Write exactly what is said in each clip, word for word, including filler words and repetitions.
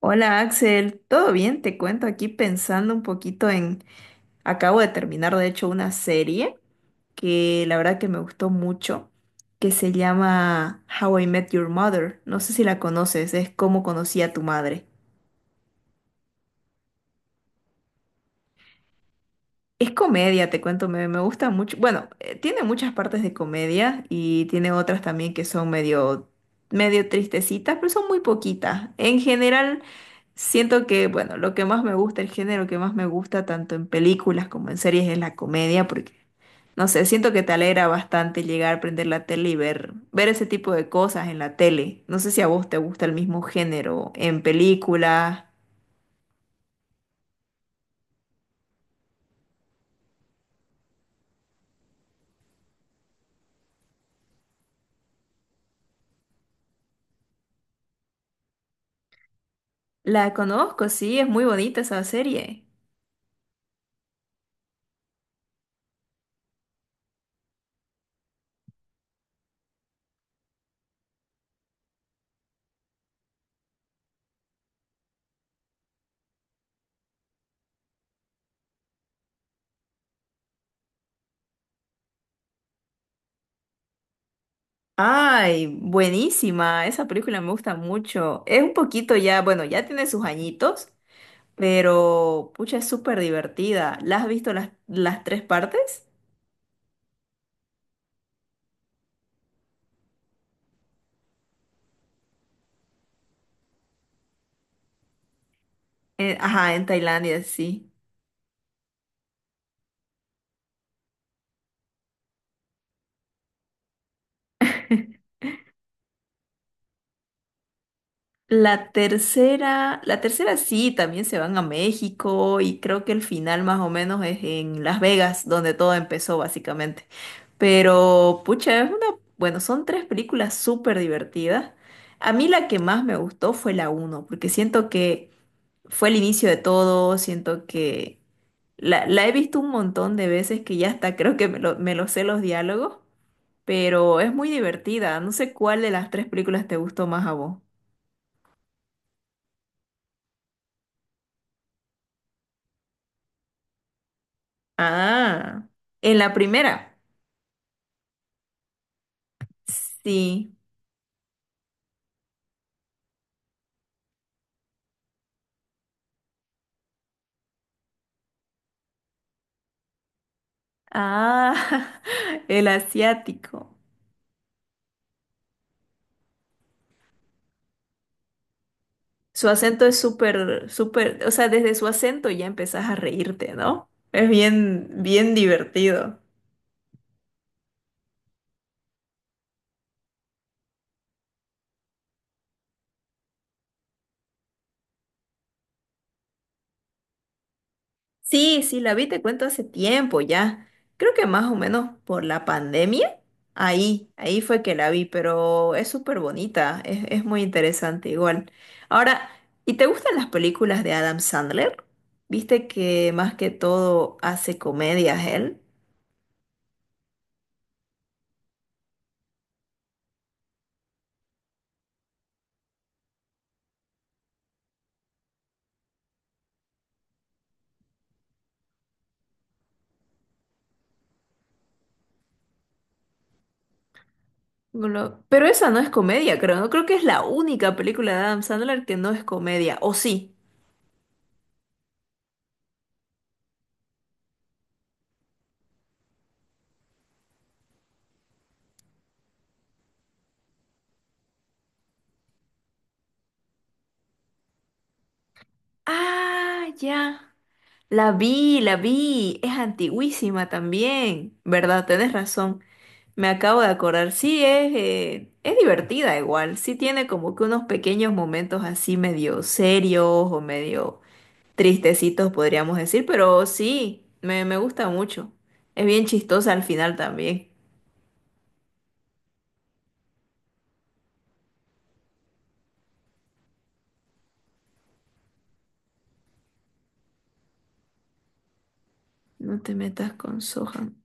Hola Axel, ¿todo bien? Te cuento aquí pensando un poquito en... Acabo de terminar de hecho una serie que la verdad que me gustó mucho, que se llama How I Met Your Mother. No sé si la conoces, es Cómo conocí a tu madre. Es comedia, te cuento, me, me gusta mucho. Bueno, eh, tiene muchas partes de comedia y tiene otras también que son medio, medio tristecitas, pero son muy poquitas. En general, siento que, bueno, lo que más me gusta, el género que más me gusta, tanto en películas como en series, es la comedia, porque, no sé, siento que te alegra bastante llegar a prender la tele y ver, ver ese tipo de cosas en la tele. No sé si a vos te gusta el mismo género en películas. La conozco, sí, es muy bonita esa serie. Ay, buenísima. Esa película me gusta mucho. Es un poquito ya, bueno, ya tiene sus añitos, pero pucha, es súper divertida. ¿La has visto las, las tres partes? Eh, ajá, en Tailandia, sí. La tercera, la tercera sí, también se van a México y creo que el final más o menos es en Las Vegas, donde todo empezó básicamente. Pero, pucha, es una, bueno, son tres películas súper divertidas. A mí la que más me gustó fue la uno, porque siento que fue el inicio de todo, siento que la, la he visto un montón de veces que ya hasta creo que me lo, me lo sé los diálogos, pero es muy divertida. No sé cuál de las tres películas te gustó más a vos. Ah, en la primera. Sí. Ah, el asiático. Su acento es súper, súper, o sea, desde su acento ya empezás a reírte, ¿no? Es bien, bien divertido. Sí, sí, la vi, te cuento hace tiempo ya. Creo que más o menos por la pandemia. Ahí, ahí fue que la vi, pero es súper bonita, es, es muy interesante igual. Ahora, ¿y te gustan las películas de Adam Sandler? Viste que más que todo hace comedias él. Lo- Pero esa no es comedia, creo, ¿no? Creo que es la única película de Adam Sandler que no es comedia, ¿o sí? Ah, ya. La vi, la vi, es antiguísima también, ¿verdad? Tenés razón, me acabo de acordar, sí, es, eh, es divertida igual, sí tiene como que unos pequeños momentos así medio serios o medio tristecitos podríamos decir, pero sí, me, me gusta mucho, es bien chistosa al final también. No te metas con Sohan.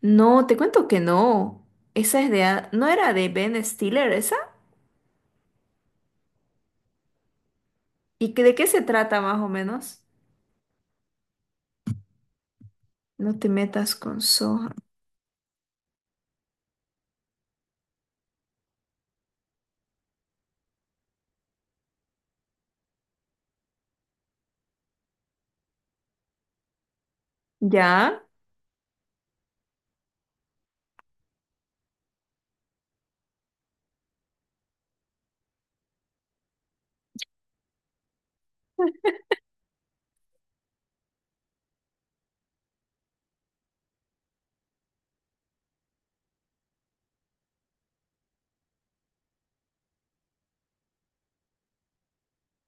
No, te cuento que no, esa es de, a- ¿no era de Ben Stiller esa? ¿Y que- de qué se trata más o menos? No te metas con Sohan. Ya,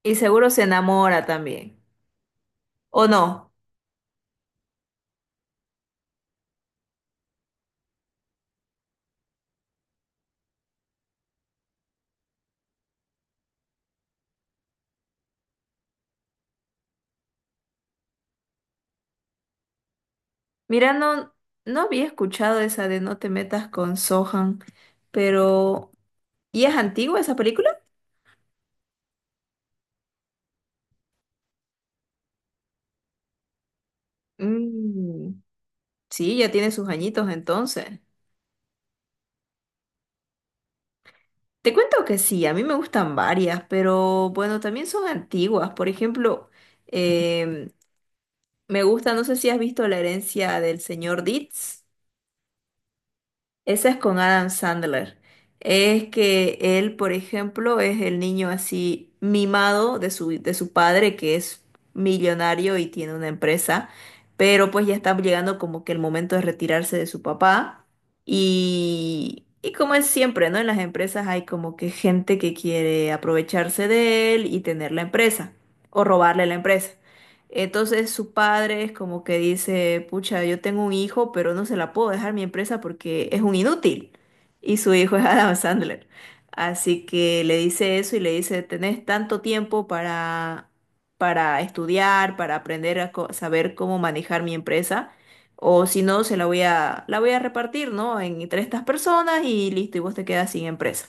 y seguro se enamora también. ¿O no? Mira, no, no había escuchado esa de No te metas con Sohan, pero ¿y es antigua esa película? Mm, sí, ya tiene sus añitos entonces. Te cuento que sí, a mí me gustan varias, pero bueno, también son antiguas. Por ejemplo, em, me gusta, no sé si has visto La herencia del señor Deeds. Esa es con Adam Sandler. Es que él, por ejemplo, es el niño así mimado de su, de su padre, que es millonario y tiene una empresa, pero pues ya está llegando como que el momento de retirarse de su papá. Y, y como es siempre, ¿no? En las empresas hay como que gente que quiere aprovecharse de él y tener la empresa o robarle la empresa. Entonces su padre es como que dice, pucha, yo tengo un hijo, pero no se la puedo dejar mi empresa porque es un inútil. Y su hijo es Adam Sandler. Así que le dice eso y le dice, tenés tanto tiempo para, para estudiar, para aprender a co- saber cómo manejar mi empresa. O si no, se la voy a, la voy a repartir, ¿no? En, entre estas personas y listo, y vos te quedas sin empresa.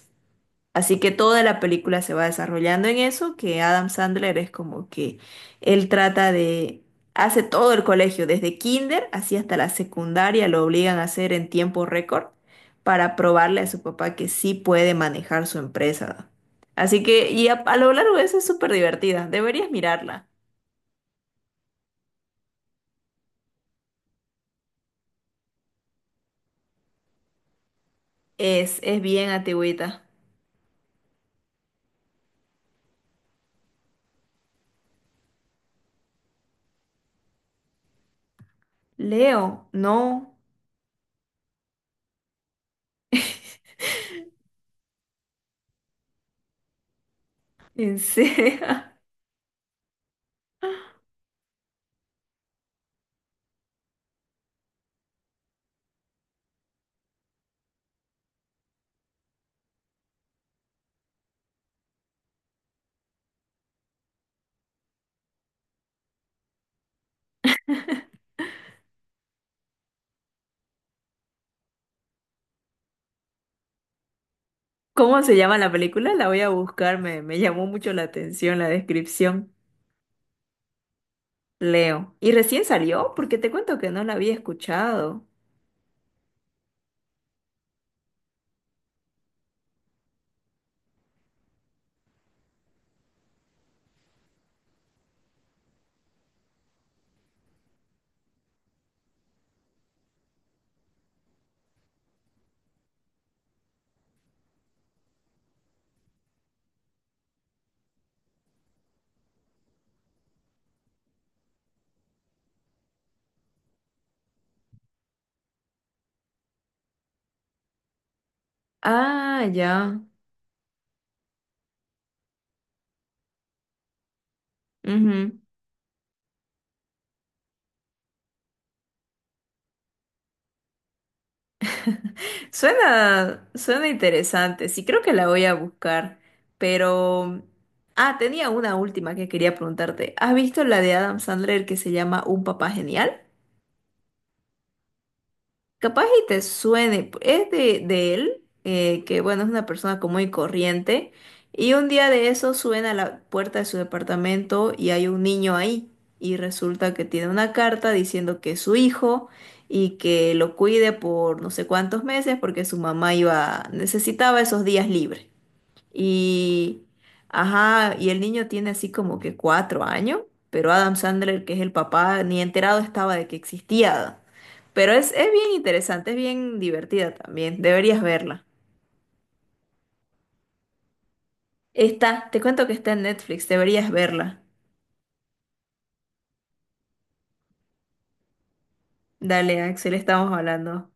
Así que toda la película se va desarrollando en eso, que Adam Sandler es como que él trata de, hace todo el colegio, desde kinder así hasta la secundaria, lo obligan a hacer en tiempo récord para probarle a su papá que sí puede manejar su empresa. Así que, y a, a lo largo de eso es súper divertida, deberías mirarla. Es, es bien antigüita. Leo, no, en serio. ¿Cómo se llama la película? La voy a buscar, me, me llamó mucho la atención la descripción. Leo. ¿Y recién salió? Porque te cuento que no la había escuchado. Ah, ya. Ujú. Suena, suena interesante. Sí, creo que la voy a buscar. Pero... Ah, tenía una última que quería preguntarte. ¿Has visto la de Adam Sandler que se llama Un papá genial? Capaz y te suene, es de, de él, eh, que bueno, es una persona común y corriente, y un día de eso suena a la puerta de su departamento y hay un niño ahí, y resulta que tiene una carta diciendo que es su hijo y que lo cuide por no sé cuántos meses porque su mamá iba, necesitaba esos días libres. Y, ajá, y el niño tiene así como que cuatro años, pero Adam Sandler, que es el papá, ni enterado estaba de que existía. Pero es, es bien interesante, es bien divertida también, deberías verla. Está, te cuento que está en Netflix, deberías verla. Dale, Axel, estamos hablando.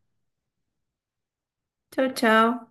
Chao, chao.